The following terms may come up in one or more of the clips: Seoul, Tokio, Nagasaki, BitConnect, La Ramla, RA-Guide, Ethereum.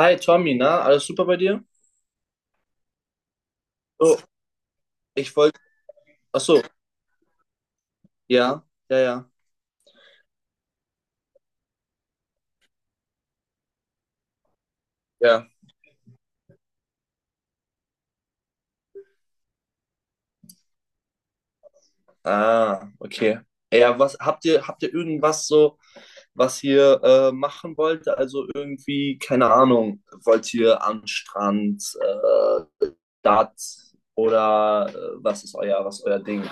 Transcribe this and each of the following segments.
Hi Tommy, na, alles super bei dir? Oh, ich wollte. Ach so. Ja, ja, ja, ja. Ah, okay. Ja, habt ihr irgendwas so, was ihr machen wollt? Also irgendwie, keine Ahnung, wollt ihr an den Strand, dat oder was ist euer Ding?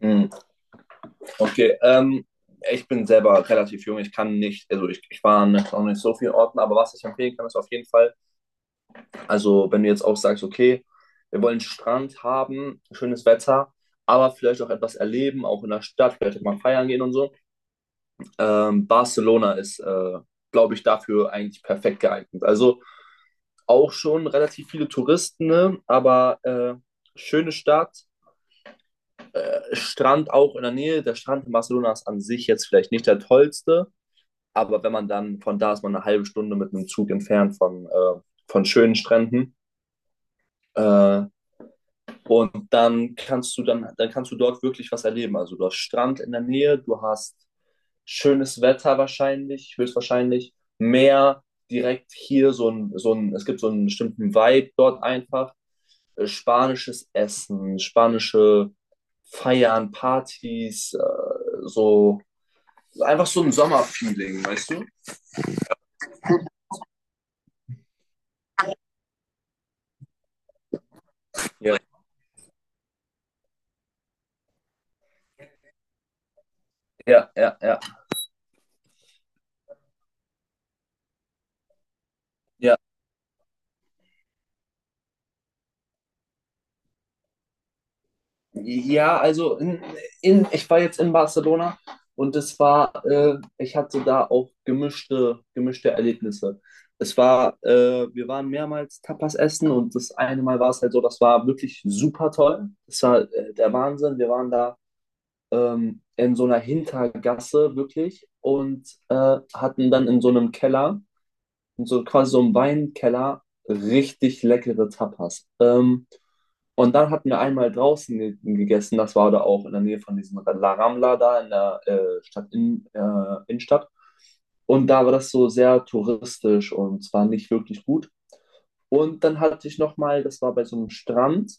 Hm, okay, ich bin selber relativ jung, ich kann nicht, also ich war noch nicht so vielen Orten, aber was ich empfehlen kann, ist auf jeden Fall. Also, wenn du jetzt auch sagst, okay, wir wollen Strand haben, schönes Wetter, aber vielleicht auch etwas erleben, auch in der Stadt, vielleicht auch mal feiern gehen und so. Barcelona ist, glaube ich, dafür eigentlich perfekt geeignet. Also auch schon relativ viele Touristen, ne? Aber schöne Stadt, Strand auch in der Nähe. Der Strand in Barcelona ist an sich jetzt vielleicht nicht der tollste, aber wenn man dann von da ist, man eine halbe Stunde mit einem Zug entfernt von schönen Stränden. Äh, Und dann kannst du dort wirklich was erleben. Also du hast Strand in der Nähe, du hast schönes Wetter wahrscheinlich, höchstwahrscheinlich, Meer direkt hier, es gibt so einen bestimmten Vibe dort einfach. Spanisches Essen, spanische Feiern, Partys, so einfach so ein Sommerfeeling, weißt du? Ja. Ja, ja, ja. Ja. Ja, also ich war jetzt in Barcelona und es war, ich hatte da auch gemischte Erlebnisse. Es war, wir waren mehrmals Tapas essen und das eine Mal war es halt so, das war wirklich super toll. Das war der Wahnsinn. Wir waren da in so einer Hintergasse wirklich und hatten dann in so einem Keller und so quasi so im Weinkeller richtig leckere Tapas. Und dann hatten wir einmal draußen ge gegessen. Das war da auch in der Nähe von diesem La Ramla da in der Stadt in, Innenstadt. Und da war das so sehr touristisch und es war nicht wirklich gut. Und dann hatte ich nochmal, das war bei so einem Strand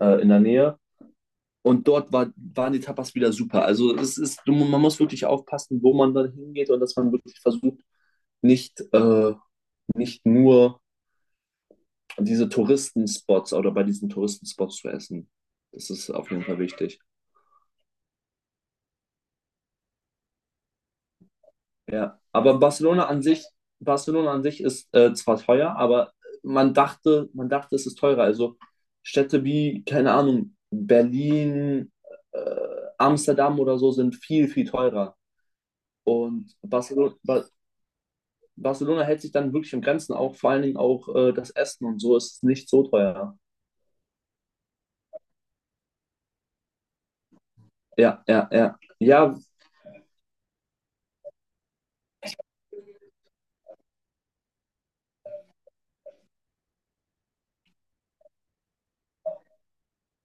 in der Nähe. Und dort waren die Tapas wieder super. Also es ist, man muss wirklich aufpassen, wo man dann hingeht und dass man wirklich versucht, nicht, nicht nur diese Touristenspots oder bei diesen Touristenspots zu essen. Das ist auf jeden Fall wichtig. Ja, aber Barcelona an sich ist zwar teuer, aber man dachte, es ist teurer. Also Städte wie, keine Ahnung, Berlin, äh, Amsterdam oder so sind viel, viel teurer. Und Barcelona hält sich dann wirklich in Grenzen, auch vor allen Dingen auch das Essen und so ist nicht so teuer. Ja, ja, ja. Ja,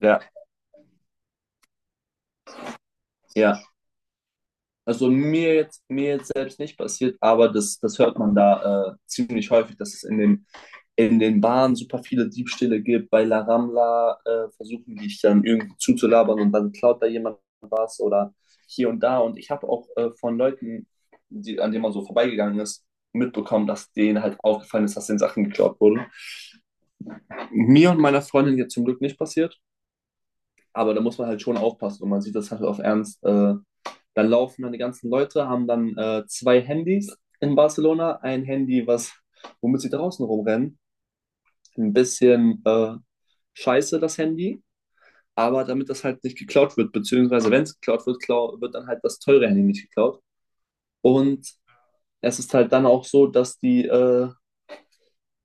ja, ja. Also mir jetzt selbst nicht passiert, aber das hört man da ziemlich häufig, dass es in den Bahnen super viele Diebstähle gibt. Bei La Ramla versuchen die dich dann irgendwie zuzulabern und dann klaut da jemand was oder hier und da. Und ich habe auch von Leuten, an denen man so vorbeigegangen ist, mitbekommen, dass denen halt aufgefallen ist, dass den Sachen geklaut wurden. Mir und meiner Freundin jetzt zum Glück nicht passiert, aber da muss man halt schon aufpassen und man sieht das halt auf Ernst. Dann laufen dann die ganzen Leute, haben dann zwei Handys in Barcelona. Ein Handy, womit sie draußen rumrennen. Ein bisschen scheiße, das Handy. Aber damit das halt nicht geklaut wird, beziehungsweise wenn es geklaut wird, klau wird dann halt das teure Handy nicht geklaut. Und es ist halt dann auch so, dass die, äh,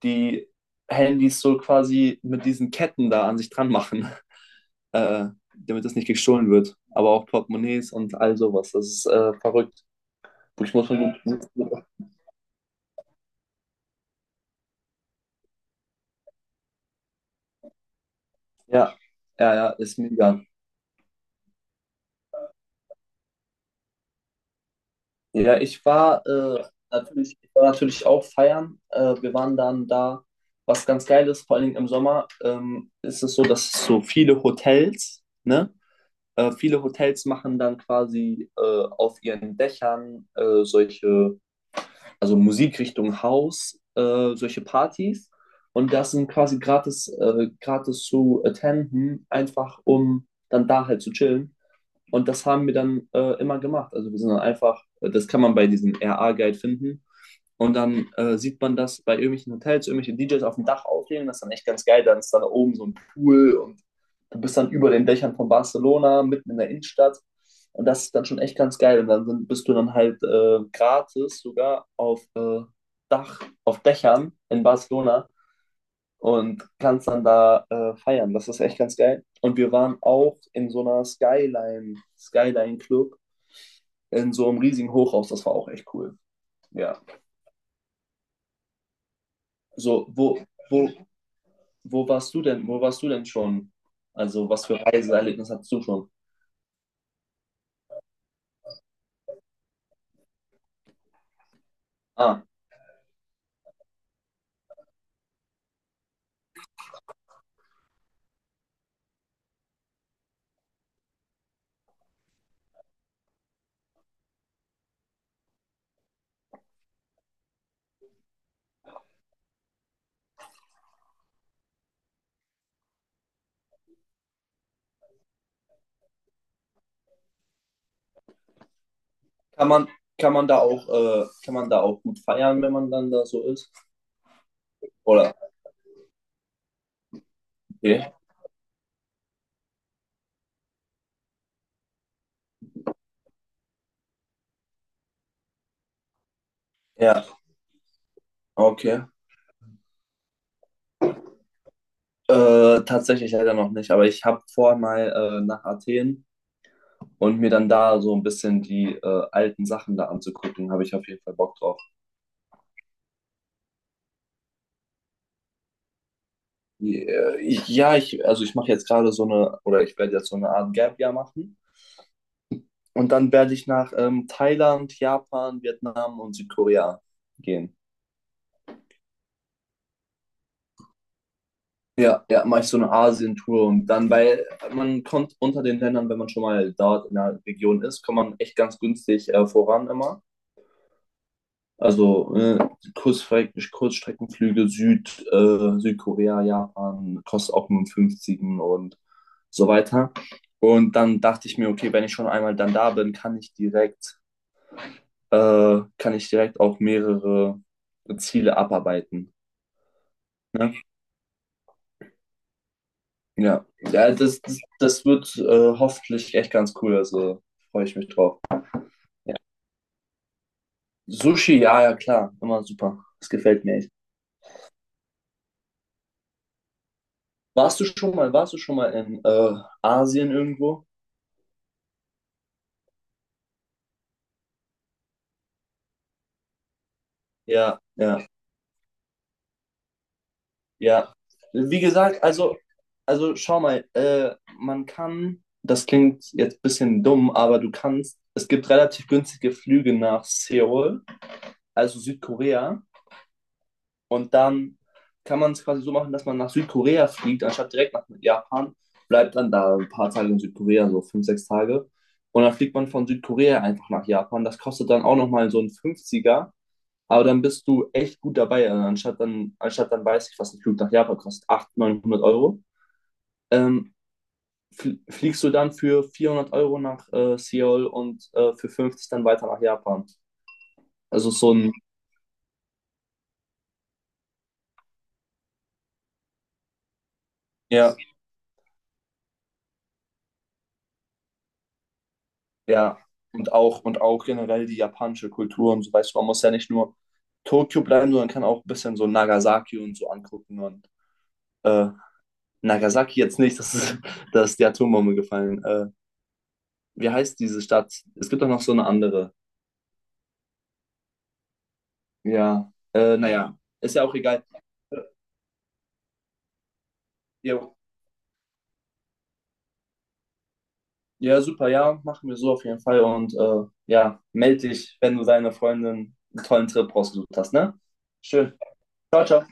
die Handys so quasi mit diesen Ketten da an sich dran machen, äh, damit das nicht gestohlen wird. Aber auch Portemonnaies und all sowas. Das ist verrückt. Ich muss mal. Gut. Ja, ja, ja, ist mega. Ja, ich war natürlich auch feiern. Wir waren dann da, was ganz geil ist, vor allen Dingen im Sommer, ist es so, dass es so viele Hotels, ne? Viele Hotels machen dann quasi auf ihren Dächern solche, also Musikrichtung House, solche Partys. Und das sind quasi gratis zu attenden, einfach um dann da halt zu chillen. Und das haben wir dann immer gemacht. Also wir sind dann einfach, das kann man bei diesem RA-Guide finden. Und dann sieht man das bei irgendwelchen Hotels, irgendwelche DJs auf dem Dach auflegen. Das ist dann echt ganz geil. Dann ist dann da oben so ein Pool und du bist dann über den Dächern von Barcelona, mitten in der Innenstadt. Und das ist dann schon echt ganz geil. Und dann bist du dann halt gratis sogar auf Dächern in Barcelona und kannst dann da feiern. Das ist echt ganz geil. Und wir waren auch in so einer Skyline Club, in so einem riesigen Hochhaus. Das war auch echt cool. Ja. So, wo, wo warst du denn? Wo warst du denn schon? Also, was für Reiseerlebnis hattest du schon? Ah, kann man, kann man da auch gut feiern, wenn man dann da so ist? Oder? Okay. Ja, okay. Tatsächlich leider noch nicht, aber ich habe vor, mal nach Athen und mir dann da so ein bisschen die alten Sachen da anzugucken, habe ich auf jeden Fall Bock drauf. Ja, also ich mache jetzt gerade so eine, oder ich werde jetzt so eine Art Gap Year machen. Und dann werde ich nach Thailand, Japan, Vietnam und Südkorea gehen. Ja, ja, mache ich so eine Asien-Tour und dann, weil man kommt unter den Ländern, wenn man schon mal dort in der Region ist, kommt man echt ganz günstig voran immer. Also Kurzstreckenflüge Südkorea, Japan, kostet auch nur einen 50 und so weiter. Und dann dachte ich mir, okay, wenn ich schon einmal dann da bin, kann ich direkt auch mehrere Ziele abarbeiten. Ne? Ja. Ja, das wird hoffentlich echt ganz cool. Also freue ich mich drauf. Ja. Sushi, ja, ja, klar, immer super. Das gefällt mir echt. Warst du schon mal in Asien irgendwo? Ja, ja, ja. Wie gesagt, also schau mal, man kann, das klingt jetzt ein bisschen dumm, aber du kannst, es gibt relativ günstige Flüge nach Seoul, also Südkorea, und dann kann man es quasi so machen, dass man nach Südkorea fliegt, anstatt direkt nach Japan, bleibt dann da ein paar Tage in Südkorea, so fünf, sechs Tage, und dann fliegt man von Südkorea einfach nach Japan. Das kostet dann auch nochmal so ein Fünfziger. Aber dann bist du echt gut dabei. Also Anstatt dann weiß ich, was ein Flug nach Japan kostet, 800, 900 Euro, ähm, fliegst du dann für 400 € nach Seoul und für 50 dann weiter nach Japan. Also so ein. Ja, ja, und auch generell die japanische Kultur und so, weißt du, man muss ja nicht nur Tokio bleiben, sondern kann auch ein bisschen so Nagasaki und so angucken und äh, Nagasaki jetzt nicht, das ist, da ist die Atombombe gefallen. Wie heißt diese Stadt? Es gibt doch noch so eine andere. Ja, naja, ist ja auch egal. Äh, Ja, ja, super, ja, machen wir so auf jeden Fall. Und ja, melde dich, wenn du deine Freundin einen tollen Trip rausgesucht hast, ne? Schön. Ciao, ciao.